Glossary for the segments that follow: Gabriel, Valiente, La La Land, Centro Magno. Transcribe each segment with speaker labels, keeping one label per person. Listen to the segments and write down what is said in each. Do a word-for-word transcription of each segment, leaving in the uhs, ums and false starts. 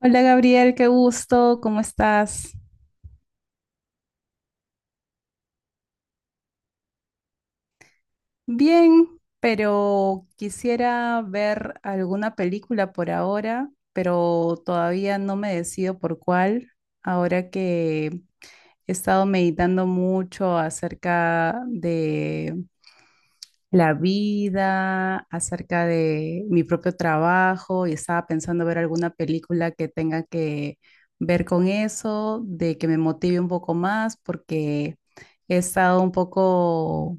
Speaker 1: Hola Gabriel, qué gusto, ¿cómo estás? Bien, pero quisiera ver alguna película por ahora, pero todavía no me decido por cuál, ahora que he estado meditando mucho acerca de la vida, acerca de mi propio trabajo y estaba pensando ver alguna película que tenga que ver con eso, de que me motive un poco más, porque he estado un poco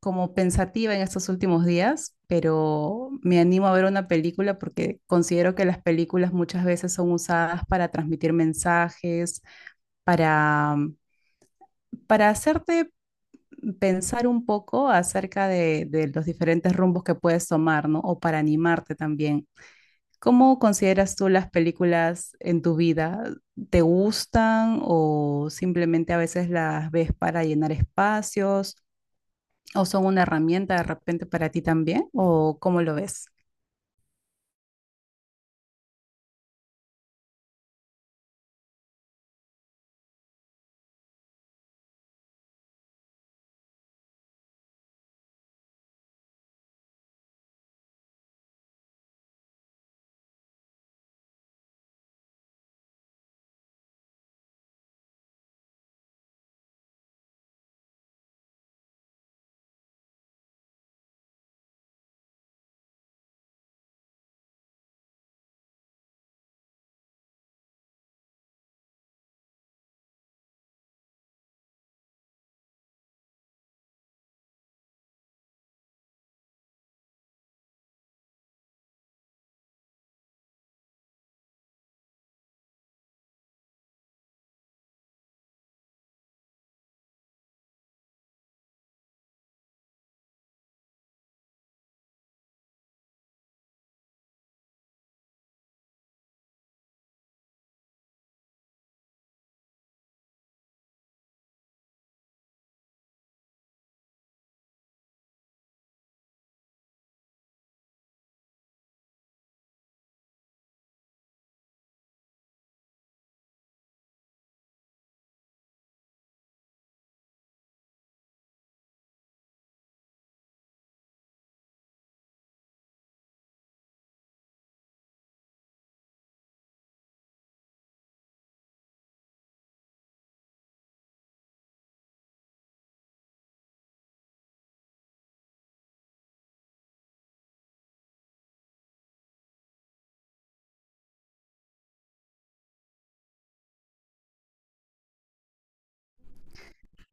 Speaker 1: como pensativa en estos últimos días, pero me animo a ver una película porque considero que las películas muchas veces son usadas para transmitir mensajes, para para hacerte pensar un poco acerca de, de los diferentes rumbos que puedes tomar, ¿no? O para animarte también. ¿Cómo consideras tú las películas en tu vida? ¿Te gustan o simplemente a veces las ves para llenar espacios o son una herramienta de repente para ti también? ¿O cómo lo ves?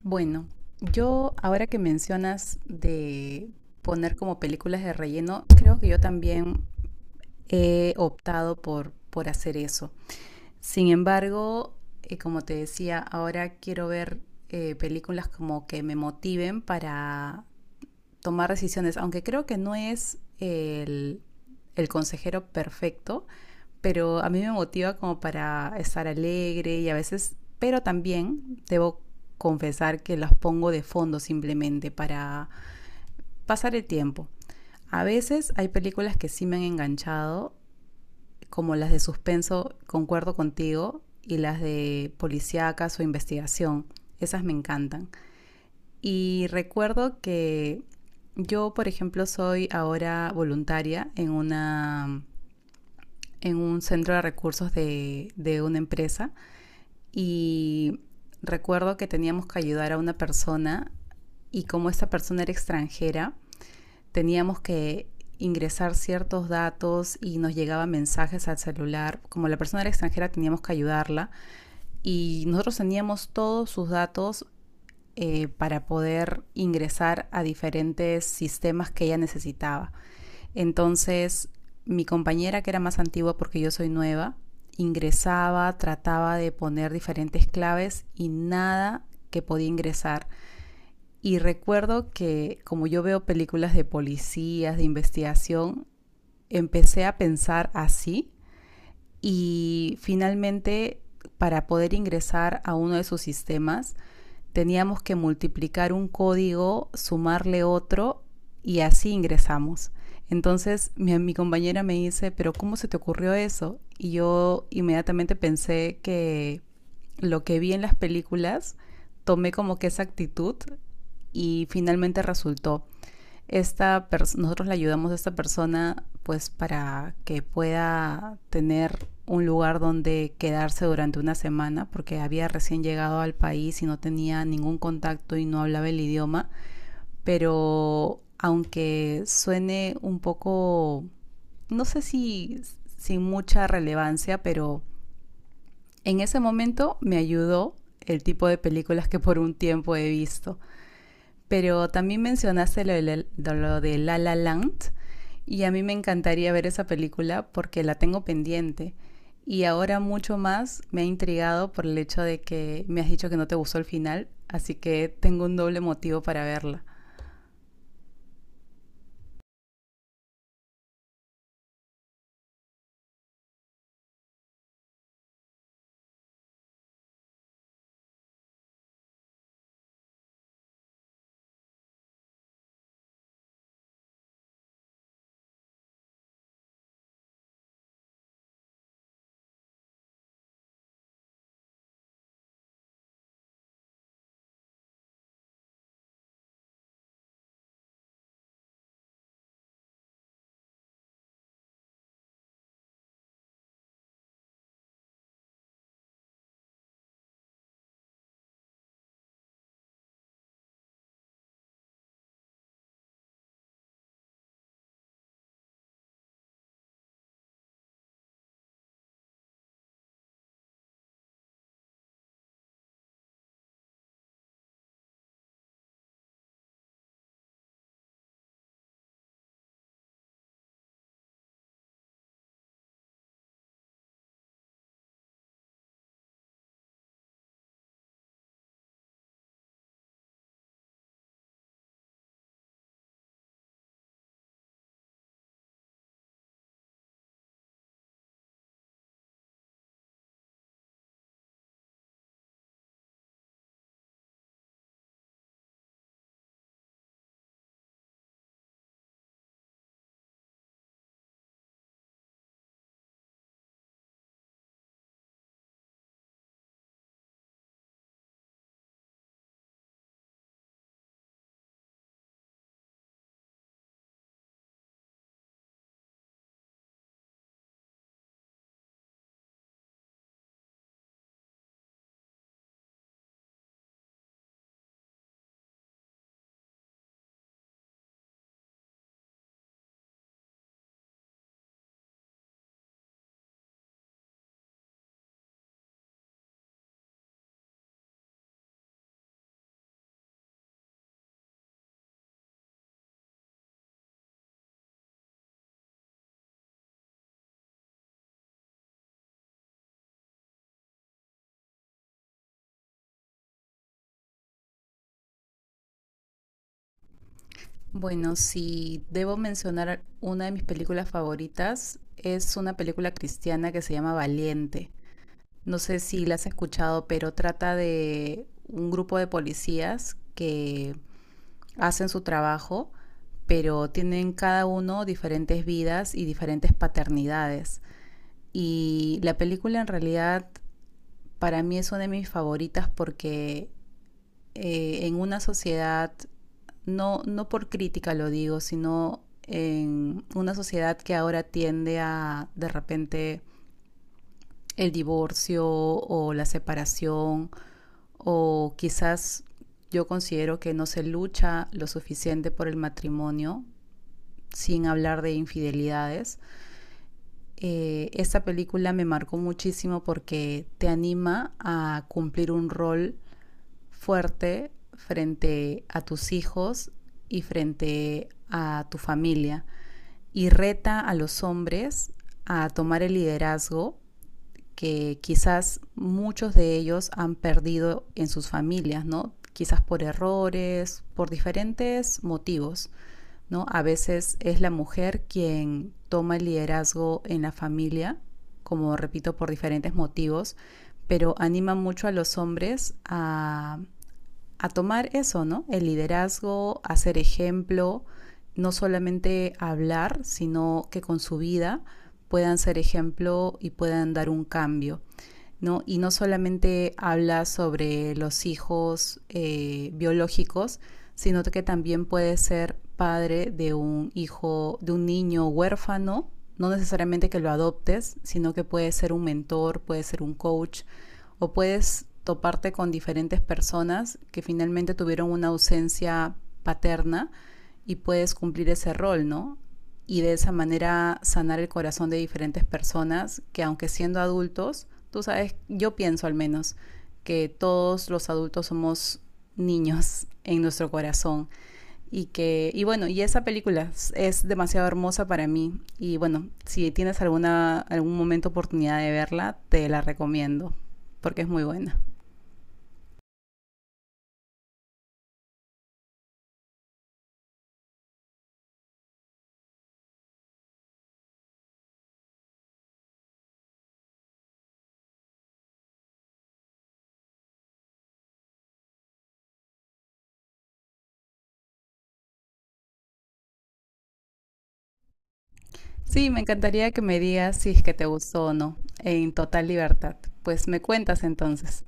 Speaker 1: Bueno, yo ahora que mencionas de poner como películas de relleno, creo que yo también he optado por, por hacer eso. Sin embargo, eh, como te decía, ahora quiero ver eh, películas como que me motiven para tomar decisiones, aunque creo que no es el, el consejero perfecto, pero a mí me motiva como para estar alegre y a veces, pero también debo confesar que las pongo de fondo simplemente para pasar el tiempo. A veces hay películas que sí me han enganchado como las de suspenso, concuerdo contigo, y las de policíacas o investigación, esas me encantan. Y recuerdo que yo, por ejemplo, soy ahora voluntaria en una en un centro de recursos de, de una empresa y recuerdo que teníamos que ayudar a una persona y como esta persona era extranjera, teníamos que ingresar ciertos datos y nos llegaban mensajes al celular. Como la persona era extranjera teníamos que ayudarla y nosotros teníamos todos sus datos, eh, para poder ingresar a diferentes sistemas que ella necesitaba. Entonces mi compañera, que era más antigua porque yo soy nueva, ingresaba, trataba de poner diferentes claves y nada que podía ingresar, y recuerdo que como yo veo películas de policías, de investigación, empecé a pensar así y finalmente, para poder ingresar a uno de sus sistemas, teníamos que multiplicar un código, sumarle otro y así ingresamos. Entonces mi, mi, compañera me dice, pero ¿cómo se te ocurrió eso? Y yo inmediatamente pensé que lo que vi en las películas, tomé como que esa actitud y finalmente resultó. Esta, nosotros le ayudamos a esta persona pues para que pueda tener un lugar donde quedarse durante una semana porque había recién llegado al país y no tenía ningún contacto y no hablaba el idioma, pero aunque suene un poco, no sé si sin mucha relevancia, pero en ese momento me ayudó el tipo de películas que por un tiempo he visto. Pero también mencionaste lo de, la- lo de La La Land y a mí me encantaría ver esa película porque la tengo pendiente. Y ahora mucho más me ha intrigado por el hecho de que me has dicho que no te gustó el final, así que tengo un doble motivo para verla. Bueno, si debo mencionar una de mis películas favoritas, es una película cristiana que se llama Valiente. No sé si la has escuchado, pero trata de un grupo de policías que hacen su trabajo, pero tienen cada uno diferentes vidas y diferentes paternidades. Y la película en realidad para mí es una de mis favoritas porque, eh, en una sociedad, no, no por crítica lo digo, sino en una sociedad que ahora tiende a de repente el divorcio o la separación, o quizás yo considero que no se lucha lo suficiente por el matrimonio, sin hablar de infidelidades. Eh, esta película me marcó muchísimo porque te anima a cumplir un rol fuerte frente a tus hijos y frente a tu familia y reta a los hombres a tomar el liderazgo que quizás muchos de ellos han perdido en sus familias, ¿no? Quizás por errores, por diferentes motivos. ¿No? A veces es la mujer quien toma el liderazgo en la familia, como repito, por diferentes motivos, pero anima mucho a los hombres a a tomar eso, ¿no? El liderazgo, a ser ejemplo, no solamente hablar, sino que con su vida puedan ser ejemplo y puedan dar un cambio. ¿No? Y no solamente habla sobre los hijos, eh, biológicos, sino que también puede ser padre de un hijo, de un niño huérfano, no necesariamente que lo adoptes, sino que puede ser un mentor, puede ser un coach, o puedes toparte con diferentes personas que finalmente tuvieron una ausencia paterna y puedes cumplir ese rol, ¿no? Y de esa manera sanar el corazón de diferentes personas que aunque siendo adultos, tú sabes, yo pienso al menos que todos los adultos somos niños en nuestro corazón y que, y bueno, y esa película es demasiado hermosa para mí. Y bueno, si tienes alguna, algún momento oportunidad de verla, te la recomiendo, porque es muy buena. Sí, me encantaría que me digas si es que te gustó o no, en total libertad. Pues me cuentas entonces.